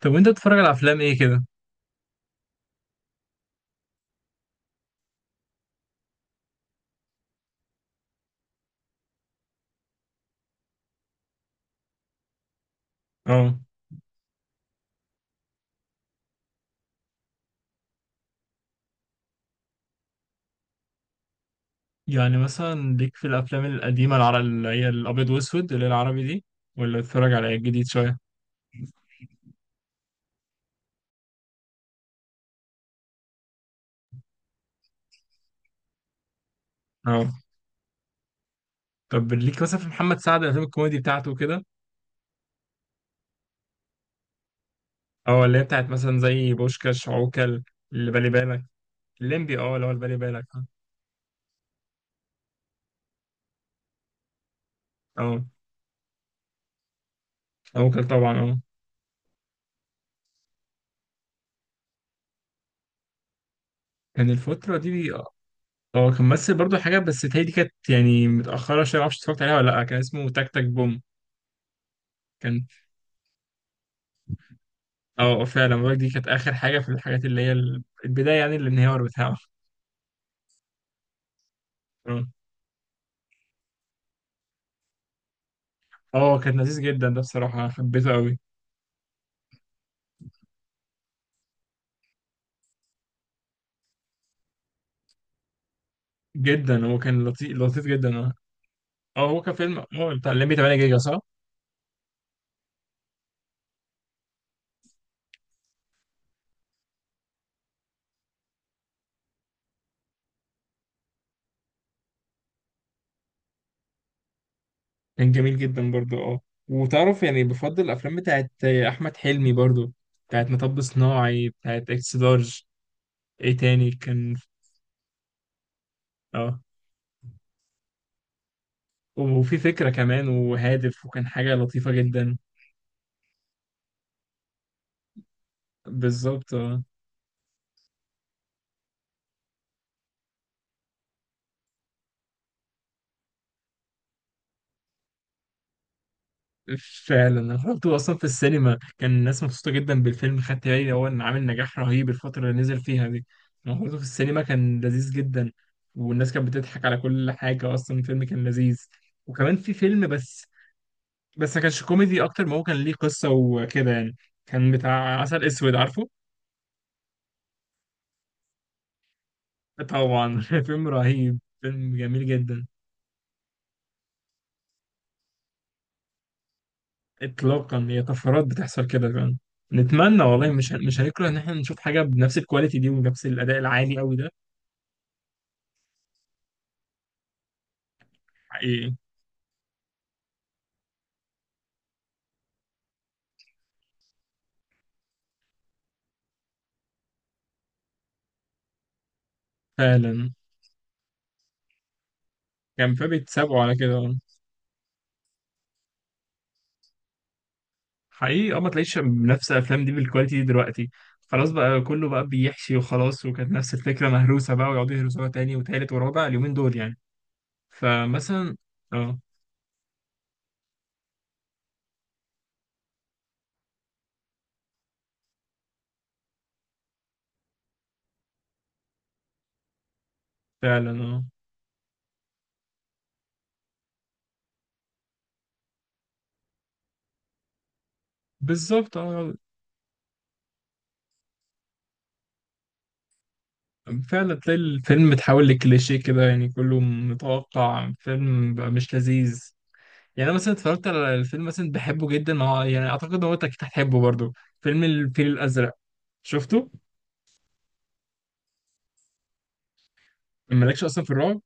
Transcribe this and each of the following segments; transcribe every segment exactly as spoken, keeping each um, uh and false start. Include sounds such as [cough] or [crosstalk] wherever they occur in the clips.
طب وانت بتتفرج على افلام ايه كده؟ اه يعني مثلا ليك في الافلام القديمه العر- اللي هي الابيض واسود اللي هي العربي دي، ولا بتتفرج على الجديد شويه؟ اه طب ليك مثلا في محمد سعد الافلام الكوميدي بتاعته كده؟ اه اللي هي بتاعت مثلا زي بوشكاش، عوكل، اللي بالي بالك. الليمبي، اه اللي هو اللي بالي بالك. اه عوكل طبعا. اه كان الفتره دي، اه كان ممثل برضو حاجه، بس هي دي كانت يعني متاخره شويه، معرفش اتفرجت عليها ولا لا. كان اسمه تك تك بوم. كان، اه فعلا مبارك دي كانت اخر حاجه في الحاجات اللي هي ال- البدايه يعني الانهيار بتاعه. اه آه، كان لذيذ جدا ده بصراحه، حبيته قوي جدا. هو كان لطيف، لطيف جدا. اه اه هو كان فيلم اه بتاع الليمبي تمنية جيجا، صح؟ كان جميل جدا برضو. اه وتعرف يعني، بفضل الافلام بتاعت احمد حلمي برضو، بتاعت مطب صناعي، بتاعت اكس لارج. ايه تاني كان؟ اه وفي فكره كمان وهادف، وكان حاجه لطيفه جدا. بالظبط. آه. فعلا انا حضرته اصلا في السينما، كان الناس مبسوطه جدا بالفيلم، خدت بالي هو ان عامل نجاح رهيب الفتره اللي نزل فيها دي. انا حضرته في السينما، كان لذيذ جدا، والناس كانت بتضحك على كل حاجه، اصلا الفيلم كان لذيذ. وكمان في فيلم بس، بس ما كانش كوميدي اكتر، ما هو كان ليه قصه وكده يعني. كان بتاع عسل اسود، عارفه؟ طبعا. [laughs] فيلم رهيب، فيلم جميل جدا. اطلاقا، هي طفرات بتحصل كده فعلا. نتمنى والله، مش مش هنكره ان احنا نشوف حاجه بنفس الكواليتي دي ونفس الاداء العالي قوي ده. حقيقي، فعلا. كان فبيتسابقوا على كده. حقيقي، اه ما تلاقيش منافسه الافلام دي بالكواليتي دي دلوقتي. خلاص بقى كله بقى بيحشي وخلاص، وكانت نفس الفكره مهروسه بقى، ويقعدوا يهرسوها تاني وتالت ورابع اليومين دول يعني. فمثلا. اه فعلا. اه بالظبط. اه فعلا، تلاقي الفيلم اتحول لكليشيه كده، يعني كله متوقع، فيلم بقى مش لذيذ. يعني انا مثلا اتفرجت على الفيلم مثلا، بحبه جدا، ما هو يعني اعتقد ان هو انت اكيد هتحبه برضه. فيلم الفيل الازرق، شفته؟ مالكش اصلا في الرعب؟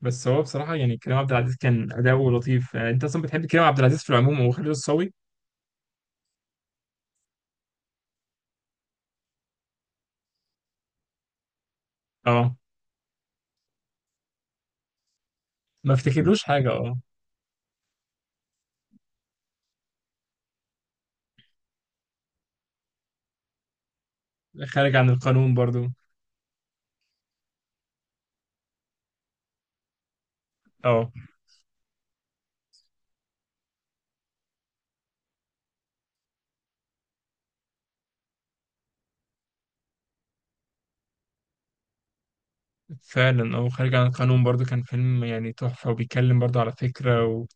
بس هو بصراحة يعني كريم عبد العزيز كان أداؤه لطيف. آه، أنت أصلا بتحب كريم عبد العزيز في العموم أو خالد الصاوي؟ أه. ما افتكرلوش حاجة. أه، خارج عن القانون برضو. أه فعلا. أه، خارج عن القانون برضو كان فيلم يعني تحفة، وبيتكلم برضو على فكرة و...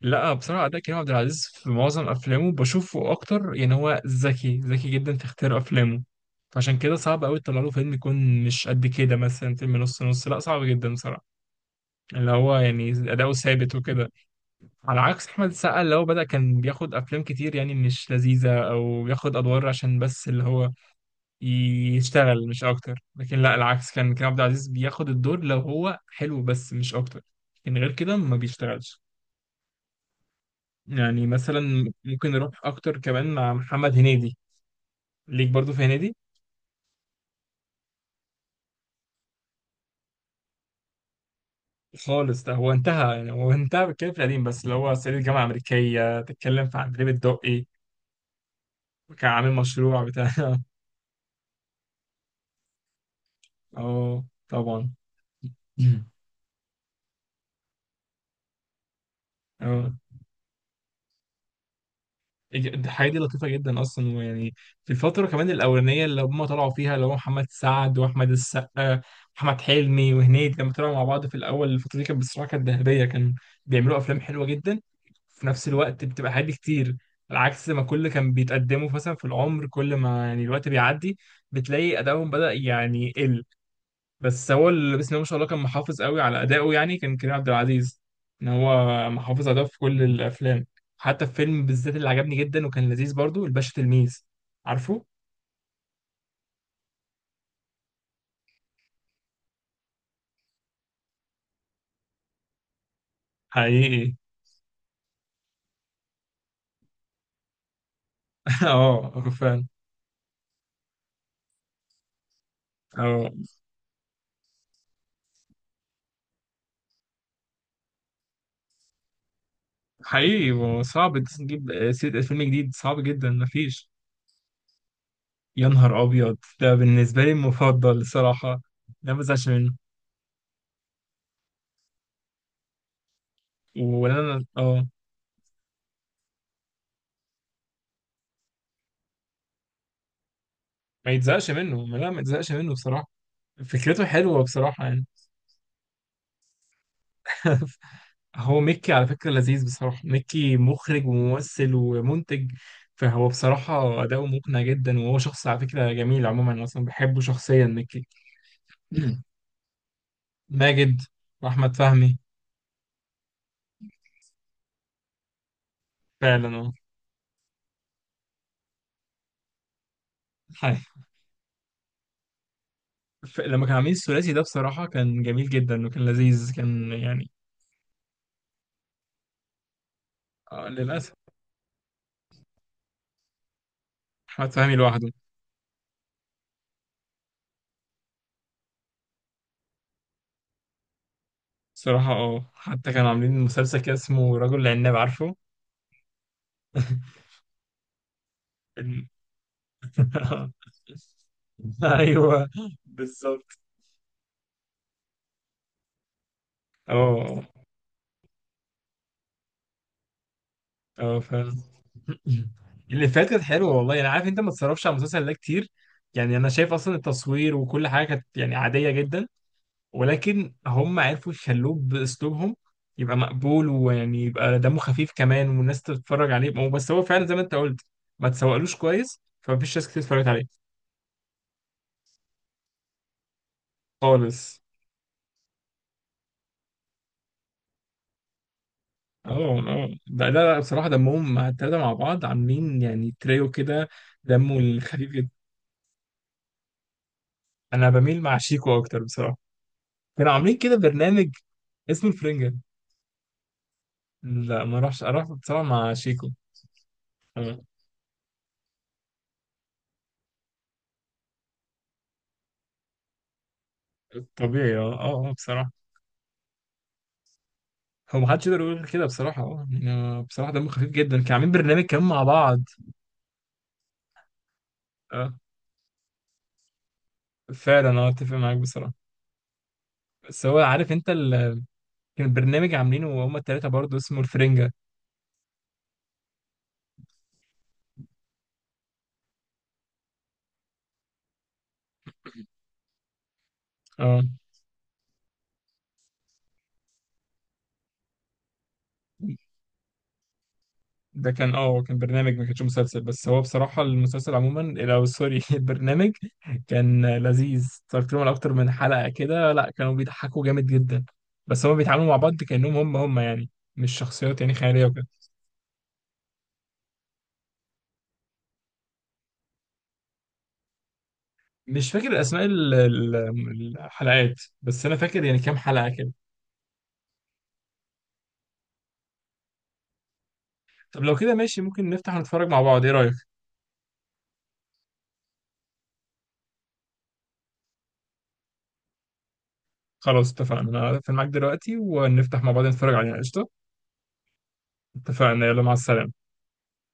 لا بصراحة أداء كريم عبد العزيز في معظم أفلامه بشوفه أكتر، يعني هو ذكي، ذكي جدا في اختيار أفلامه. فعشان كده صعب أوي تطلع له فيلم يكون مش قد كده، مثلا فيلم نص نص، لا صعب جدا بصراحة. اللي هو يعني أداؤه ثابت وكده. على عكس احمد السقا اللي هو بدأ كان بياخد افلام كتير يعني مش لذيذة، او بياخد ادوار عشان بس اللي هو يشتغل مش اكتر. لكن لا، العكس كان كريم عبد العزيز بياخد الدور لو هو حلو، بس مش اكتر. لكن غير كده ما بيشتغلش. يعني مثلا ممكن نروح اكتر كمان مع محمد هنيدي. ليك برضو في هنيدي؟ خالص، ده هو انتهى يعني. هو انتهى، بيتكلم في القديم بس، اللي هو صعيدي في الجامعة الأمريكية، تتكلم في عندليب الدقي، وكان عامل مشروع بتاع [laughs] اه طبعا. [laughs] اه الحياة دي لطيفة جدا أصلا، ويعني في الفترة كمان الأولانية اللي هم طلعوا فيها اللي هو محمد سعد وأحمد السقا وأحمد حلمي وهنيدي، لما طلعوا مع بعض في الأول الفترة دي كانت بصراحة كانت ذهبية. كان بيعملوا أفلام حلوة جدا، في نفس الوقت بتبقى حاجات كتير. على عكس ما كل كان بيتقدموا مثلا في العمر، كل ما يعني الوقت بيعدي، بتلاقي أدائهم بدأ يعني يقل. بس هو اللي بسم الله ما شاء الله كان محافظ قوي على أدائه يعني، كان كريم عبد العزيز إن هو محافظ على ده في كل الأفلام. حتى في فيلم بالذات اللي عجبني جدا وكان لذيذ برضو، الباشا تلميذ، عارفه؟ حقيقي. [laughs] اه فعلا اه حقيقي، هو صعب تجيب سيرة فيلم جديد، صعب جدا، مفيش. يا نهار أبيض، ده بالنسبة لي المفضل الصراحة. لا ما بزهقش منه. ولا أنا. اه ما يتزهقش منه، لا ما يتزهقش منه بصراحة. فكرته حلوة بصراحة يعني. [laughs] هو ميكي على فكرة لذيذ بصراحة. ميكي مخرج وممثل ومنتج، فهو بصراحة أداؤه مقنع جدا، وهو شخص على فكرة جميل عموما، أنا أصلا بحبه شخصيا ميكي. [clears throat] ماجد وأحمد فهمي. فعلا. اه حي. ف- لما كانوا عاملين الثلاثي ده بصراحة كان جميل جدا وكان لذيذ كان يعني، آه للأسف. أحمد فهمي لوحده. بصراحة اه حتى كانوا عاملين مسلسل كده اسمه رجل العناب، عارفه؟ [laughs] ال- [laughs] ايوه. بالظبط. اه اه فعلا. [laughs] اللي فات كانت حلوه والله، انا عارف انت ما تصرفش على المسلسل ده كتير، يعني انا شايف اصلا التصوير وكل حاجه كانت يعني عاديه جدا، ولكن هم عرفوا يخلوه باسلوبهم، يبقى مقبول، ويعني يبقى دمه خفيف كمان والناس تتفرج عليه. هو بس هو فعلا زي ما انت قلت، ما تسوقلوش كويس فمفيش ناس كتير اتفرجت عليه. خالص. اه اه لا لا لا، بصراحه دمهم مع التلاته مع بعض عاملين يعني تريو كده، دمه الخفيف جدا. انا بميل مع شيكو اكتر بصراحه. كانوا عاملين كده برنامج اسمه الفرنجة. لا ما اروحش، اروح بصراحة مع شيكو. آه، طبيعي. اه اه آه، بصراحة هو محدش يقدر يقول غير كده بصراحة. اه يعني آه، بصراحة دمه خفيف جدا. كانوا عاملين برنامج كمان مع بعض. اه فعلا اه اتفق معاك بصراحة. بس هو عارف انت ال... كان برنامج عاملينه هما التلاتة برضه اسمه الفرنجة. اه ده كان اه كان برنامج ما كانش مسلسل، بس هو بصراحة المسلسل عموما او سوري [laughs] البرنامج كان لذيذ، اتفرجت لهم على اكتر من حلقة كده. لا كانوا بيضحكوا جامد جدا، بس هما بيتعاملوا مع بعض كأنهم هم هم يعني، مش شخصيات يعني خيالية وكده. مش فاكر اسماء ال- ال- الحلقات، بس انا فاكر يعني كام حلقة كده. طب لو كده ماشي، ممكن نفتح ونتفرج مع بعض، ايه رأيك؟ خلاص اتفقنا، انا هقفل معاك دلوقتي ونفتح مع بعض نتفرج عليها قشطة. اتفقنا، يلا، مع السلامة.